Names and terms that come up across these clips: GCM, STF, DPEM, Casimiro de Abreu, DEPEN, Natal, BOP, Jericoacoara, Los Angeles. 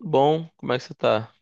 Bom, como é que você tá?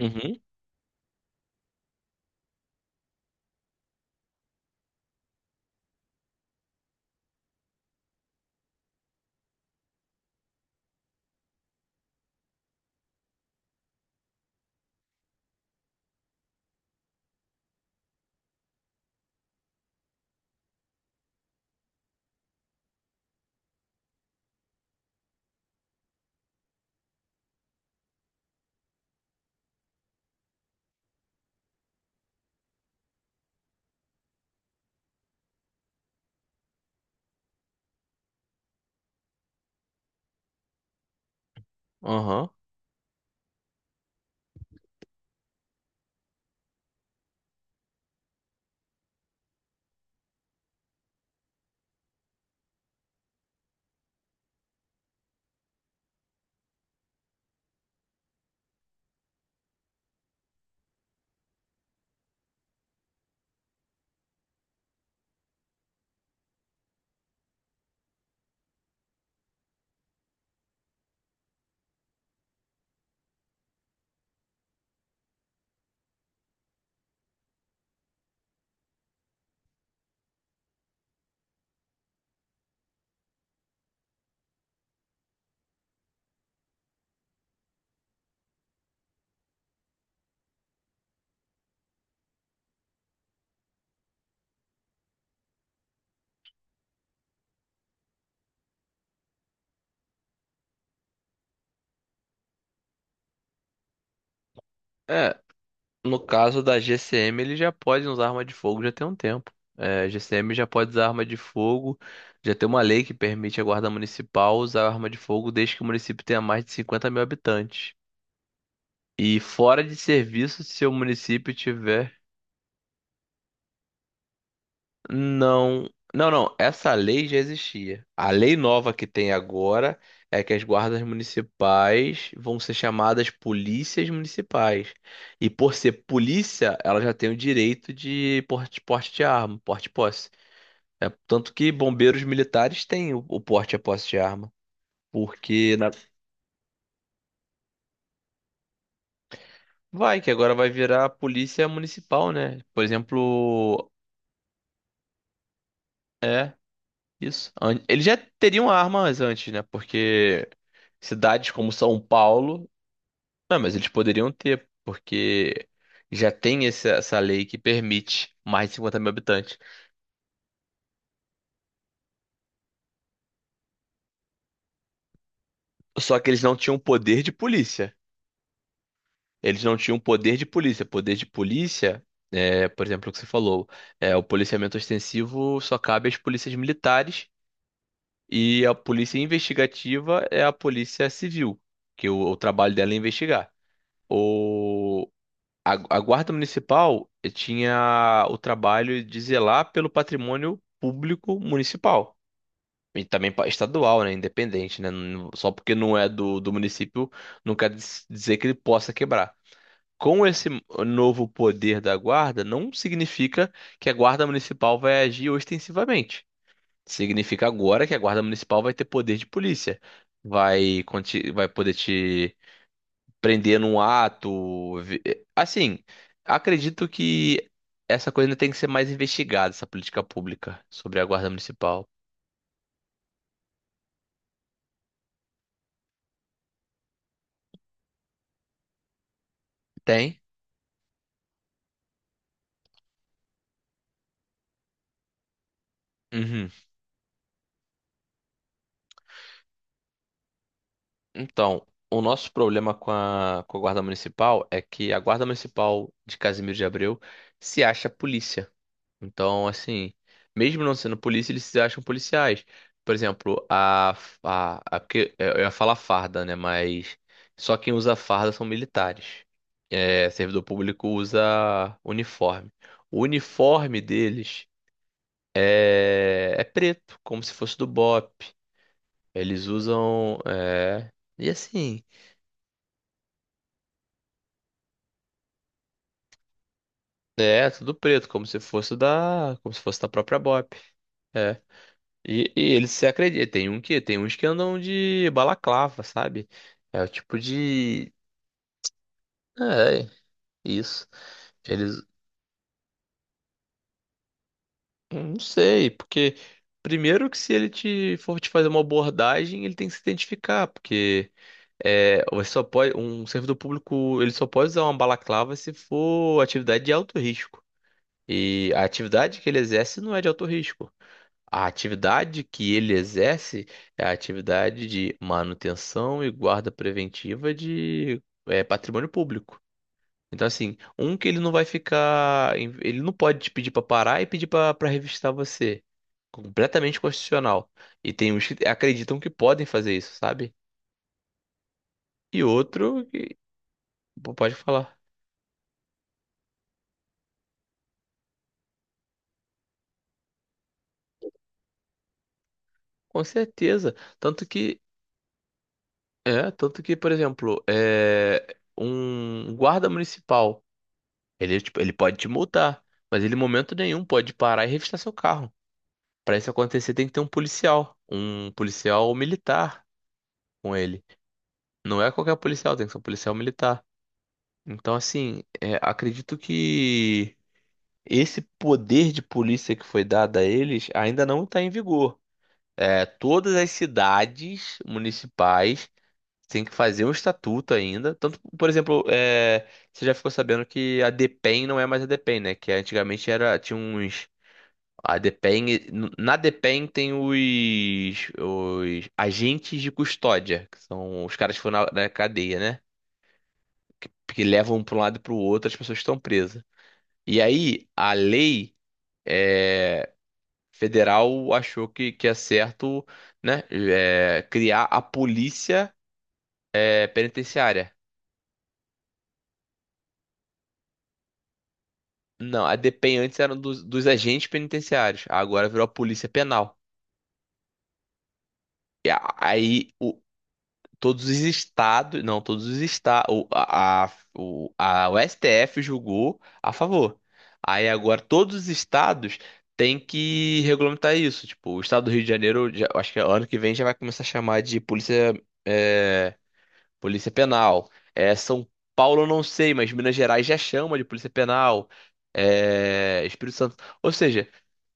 Uhum, aham. É, no caso da GCM, ele já pode usar arma de fogo já tem um tempo. É, GCM já pode usar arma de fogo, já tem uma lei que permite a guarda municipal usar arma de fogo desde que o município tenha mais de 50 mil habitantes. E fora de serviço, se o município tiver. Não, não, não. Essa lei já existia. A lei nova que tem agora é que as guardas municipais vão ser chamadas polícias municipais. E por ser polícia, ela já tem o direito de porte, porte de arma, porte e posse. É, tanto que bombeiros militares têm o porte e a posse de arma. Porque na- Vai, que agora vai virar polícia municipal, né? Por exemplo, é isso. Eles já teriam armas antes, né? Porque cidades como São Paulo. Não, mas eles poderiam ter, porque já tem essa lei que permite mais de 50 mil habitantes. Só que eles não tinham poder de polícia. Eles não tinham poder de polícia. Poder de polícia, por exemplo, o que você falou, o policiamento ostensivo só cabe às polícias militares e a polícia investigativa é a polícia civil, que o trabalho dela é investigar. A guarda municipal tinha o trabalho de zelar pelo patrimônio público municipal. E também estadual, né? Independente, né? Só porque não é do município, não quer dizer que ele possa quebrar. Com esse novo poder da guarda, não significa que a guarda municipal vai agir ostensivamente. Significa agora que a guarda municipal vai ter poder de polícia. Vai poder te prender num ato. Assim, acredito que essa coisa ainda tem que ser mais investigada, essa política pública sobre a guarda municipal. Tem? Uhum. Então, o nosso problema com a guarda municipal é que a guarda municipal de Casimiro de Abreu se acha polícia. Então, assim, mesmo não sendo polícia, eles se acham policiais. Por exemplo, a porque eu ia falar farda, né? Mas só quem usa farda são militares. É, servidor público usa uniforme. O uniforme deles é preto, como se fosse do BOP. Eles usam. E assim. É, tudo preto, como se fosse da. Como se fosse da própria BOP. É. E eles se acreditam. Tem uns que andam de balaclava, sabe? É o tipo de. É, isso. Eles. Não sei, porque. Primeiro que se ele te for te fazer uma abordagem, ele tem que se identificar, porque. É, você só pode, um servidor público, ele só pode usar uma balaclava se for atividade de alto risco. E a atividade que ele exerce não é de alto risco. A atividade que ele exerce é a atividade de manutenção e guarda preventiva de, patrimônio público. Então, assim, um que ele não vai ficar, ele não pode te pedir para parar e pedir para revistar você. Completamente constitucional. E tem uns que acreditam que podem fazer isso, sabe? E outro que Pô, pode falar. Com certeza. Tanto que, tanto que, por exemplo, um guarda municipal, ele, tipo, ele pode te multar, mas ele em momento nenhum pode parar e revistar seu carro. Para isso acontecer, tem que ter um policial militar com ele. Não é qualquer policial, tem que ser um policial militar. Então, assim, acredito que esse poder de polícia que foi dado a eles ainda não está em vigor. É, todas as cidades municipais tem que fazer um estatuto ainda. Tanto, por exemplo, você já ficou sabendo que a DEPEN não é mais a DEPEN, né? Que antigamente era, tinha uns. A DEPEN. Na DEPEN tem os agentes de custódia, que são os caras que foram na cadeia, né? Que levam para um lado e para o outro as pessoas que estão presas. E aí, a lei é, federal achou que é certo, né? Criar a polícia penitenciária. Não, a DPEM antes era dos agentes penitenciários. Agora virou a Polícia Penal. E a- aí o- Todos os estados, não, todos os estados, o STF julgou a favor. Aí agora todos os estados têm que regulamentar isso. Tipo, o estado do Rio de Janeiro, eu acho que ano que vem já vai começar a chamar de eh, Polícia Penal. É, São Paulo eu não sei, mas Minas Gerais já chama de Polícia Penal. É, Espírito Santo. Ou seja,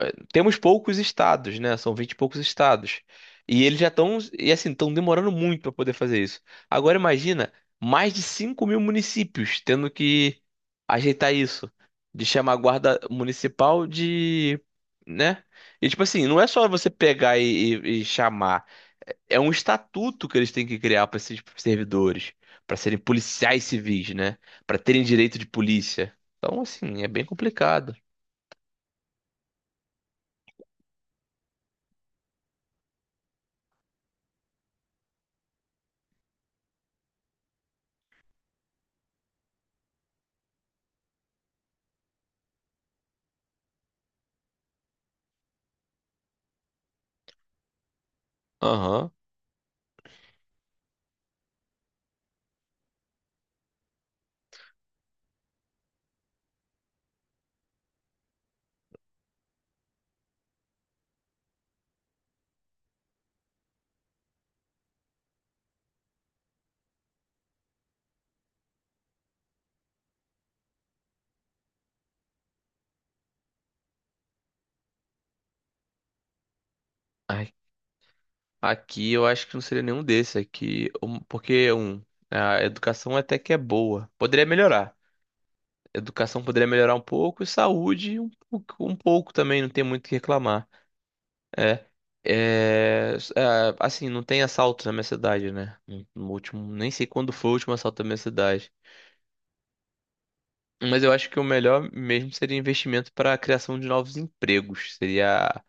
temos poucos estados, né? São 20 e poucos estados. E eles já estão, e assim, estão demorando muito para poder fazer isso. Agora imagina mais de 5 mil municípios tendo que ajeitar isso. De chamar a guarda municipal de, né? E tipo assim, não é só você pegar e chamar é um estatuto que eles têm que criar para esses servidores, para serem policiais civis, né? Para terem direito de polícia. Então, assim, é bem complicado. Aham. Ai, aqui eu acho que não seria nenhum desses aqui, porque a educação até que é boa. Poderia melhorar. Educação poderia melhorar um pouco e saúde um pouco também, não tem muito o que reclamar. É, assim, não tem assalto na minha cidade, né? No último, nem sei quando foi o último assalto na minha cidade. Mas eu acho que o melhor mesmo seria investimento para a criação de novos empregos. Seria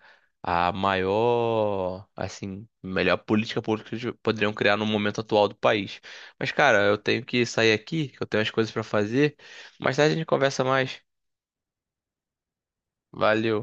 a melhor política pública que poderiam criar no momento atual do país. Mas, cara, eu tenho que sair aqui, que eu tenho as coisas para fazer. Mais tarde a gente conversa mais. Valeu.